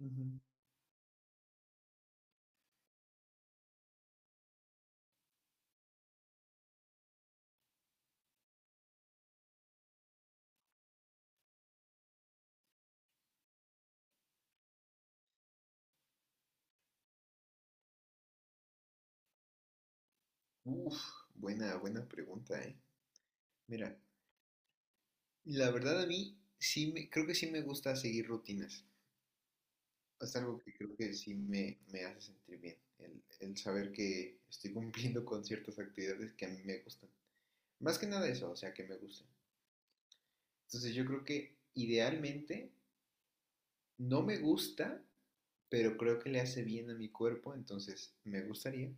Ujú. Uf, buena, buena pregunta, ¿eh? Mira, la verdad a mí creo que sí me gusta seguir rutinas. Es algo que creo que sí me hace sentir bien, el saber que estoy cumpliendo con ciertas actividades que a mí me gustan. Más que nada eso, o sea, que me gustan. Entonces yo creo que idealmente no me gusta, pero creo que le hace bien a mi cuerpo, entonces me gustaría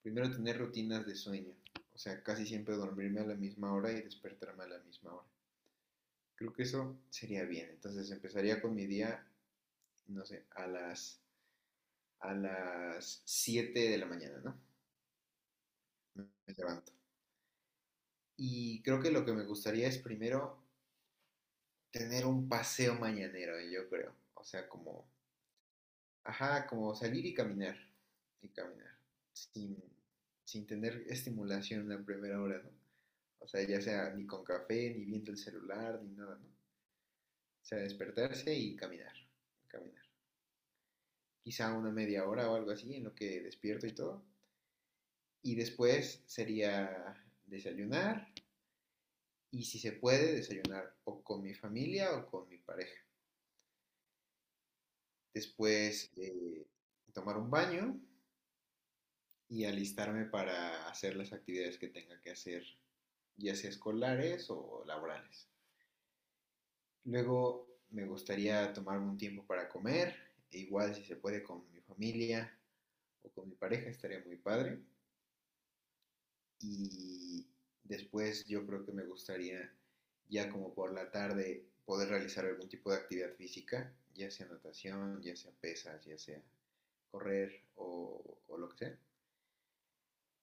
primero tener rutinas de sueño. O sea, casi siempre dormirme a la misma hora y despertarme a la misma hora. Creo que eso sería bien. Entonces empezaría con mi día, no sé, a las 7 de la mañana, ¿no? Me levanto. Y creo que lo que me gustaría es primero tener un paseo mañanero, yo creo. O sea, como, ajá, como salir y caminar. Y caminar. Sin, sin tener estimulación en la primera hora, ¿no? O sea, ya sea ni con café, ni viendo el celular, ni nada, ¿no? O sea, despertarse y caminar. Caminar. Quizá una media hora o algo así en lo que despierto y todo. Y después sería desayunar y si se puede desayunar o con mi familia o con mi pareja. Después tomar un baño y alistarme para hacer las actividades que tenga que hacer, ya sea escolares o laborales. Luego me gustaría tomarme un tiempo para comer, e igual si se puede con mi familia o con mi pareja estaría muy padre. Y después yo creo que me gustaría ya como por la tarde poder realizar algún tipo de actividad física, ya sea natación, ya sea pesas, ya sea correr o lo que sea.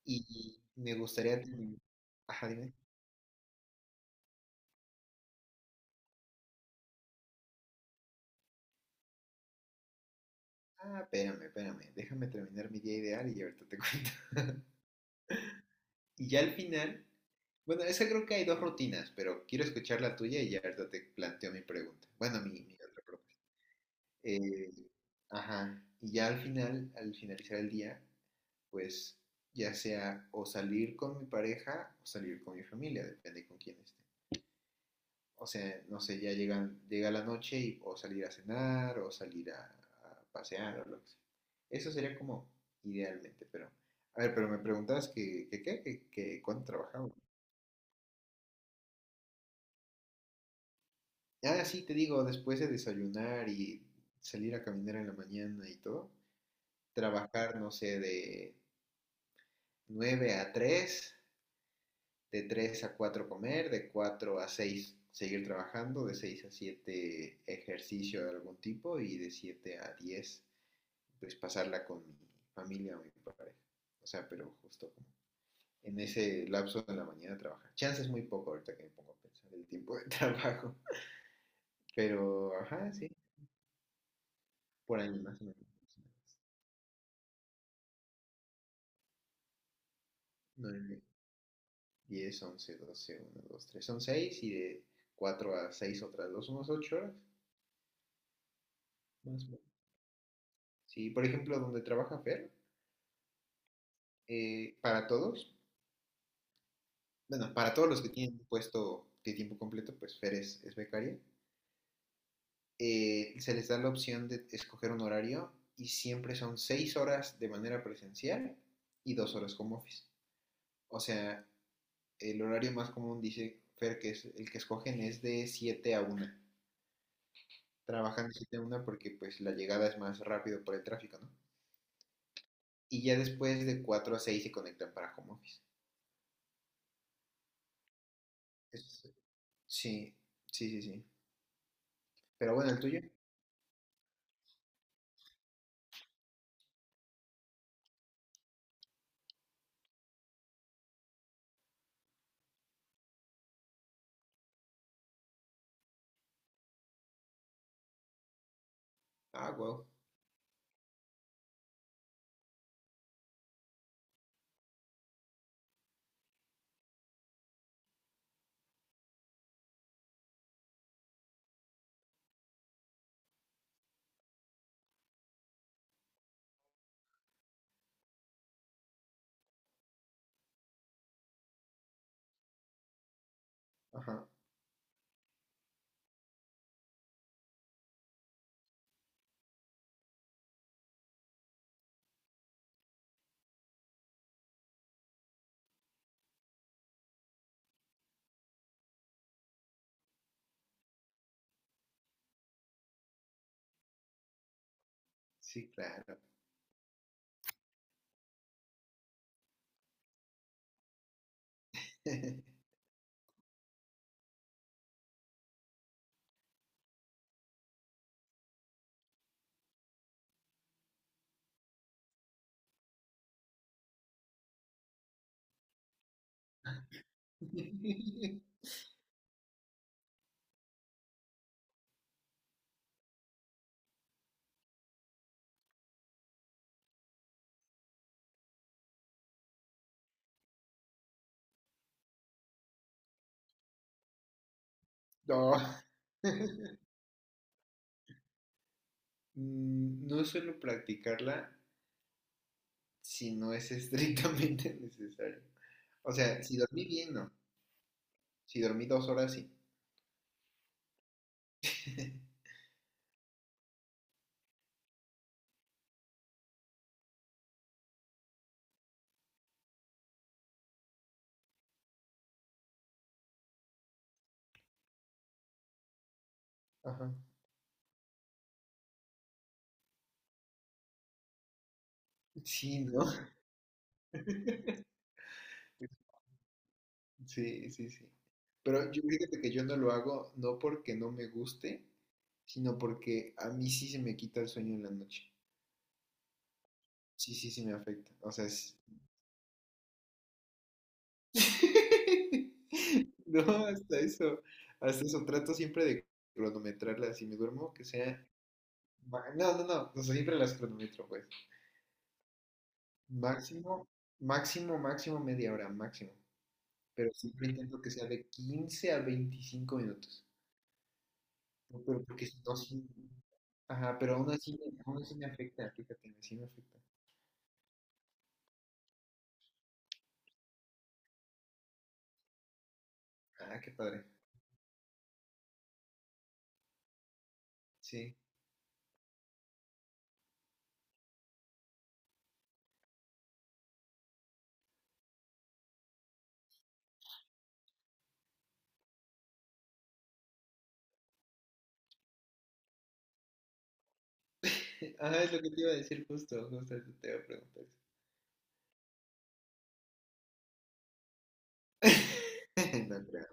Y me gustaría terminar... Ajá, dime. Ah, espérame, espérame. Déjame terminar mi día ideal y ahorita te cuento. Y ya al final, bueno, esa creo que hay dos rutinas, pero quiero escuchar la tuya y ya ahorita te planteo mi pregunta. Bueno, mi otra propuesta. Eh, ajá. Y ya al final, al finalizar el día, pues ya sea o salir con mi pareja o salir con mi familia, depende con quién esté. O sea, no sé, llega la noche y o salir a cenar o salir a pasear o lo que sea. Eso sería como idealmente, pero... A ver, pero me preguntabas que, qué, que cuándo trabajaba. Ah, sí, te digo, después de desayunar y salir a caminar en la mañana y todo, trabajar, no sé, de 9 a 3, de 3 a 4 comer, de 4 a 6 seguir trabajando, de 6 a 7 ejercicio de algún tipo y de 7 a 10 pues pasarla con mi familia o mi pareja. O sea, pero justo como en ese lapso de la mañana trabajar. Chance es muy poco ahorita que me pongo a pensar el tiempo de trabajo, pero ajá, sí, por ahí más o menos. 9, 10, 11, 12, 1, 2, 3, son 6, y de 4 a 6 otras dos, unos 8 horas. Más o menos. Sí, por ejemplo, donde trabaja Fer, para todos, bueno, para todos los que tienen puesto de tiempo completo, pues Fer es becaria, se les da la opción de escoger un horario y siempre son 6 horas de manera presencial y 2 horas como office. O sea, el horario más común, dice Fer, que es el que escogen es de 7 a 1. Trabajan de 7 a 1 porque pues la llegada es más rápido por el tráfico, ¿no? Y ya después de 4 a 6 se conectan para home office. Es- sí, sí, sí, sí. Pero bueno, el tuyo. Ah, wow. Ajá. Sí, claro. No. Mm, no suelo practicarla si no es estrictamente necesario. O sea, si dormí bien, no. Si dormí 2 horas, sí. Ajá. Sí, ¿no? Sí, sí, sí. Pero yo fíjate que yo no lo hago no porque no me guste, sino porque a mí sí se me quita el sueño en la noche. Sí, sí, sí me afecta. O sea, no, hasta eso. Hasta eso. Trato siempre de cronometrarlas. Si me duermo, que sea. No, no, no. No, siempre las cronometro, pues. Máximo, máximo, máximo media hora, máximo. Pero siempre intento que sea de 15 a 25 minutos. No, pero porque si no, sí. Ajá, pero aún así, aún así me afecta, fíjate, sí me afecta. Ah, qué padre. Sí. Ajá, es lo que te iba a decir justo, justo eso te iba a preguntar. No creo.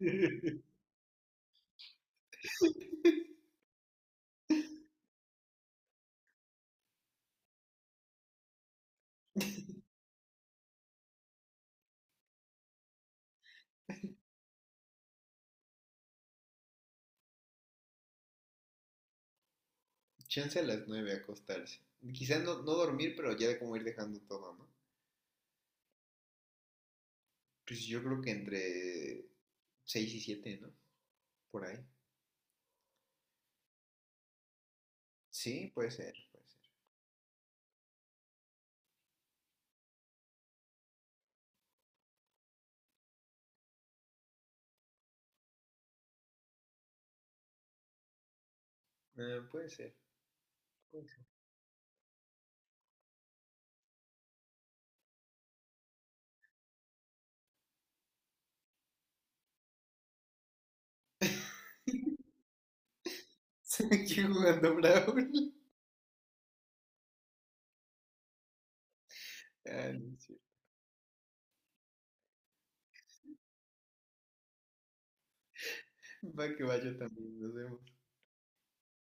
Chance a las 9 acostarse. Quizás no, no dormir, pero ya como ir dejando todo, ¿no? Pues yo creo que entre 6 y 7, ¿no? Por ahí. Sí, puede ser, puede ser. Ah, puede ser, puede ser. Aquí jugando Brawl. Ah, no, sí. Va que va, yo también, nos vemos.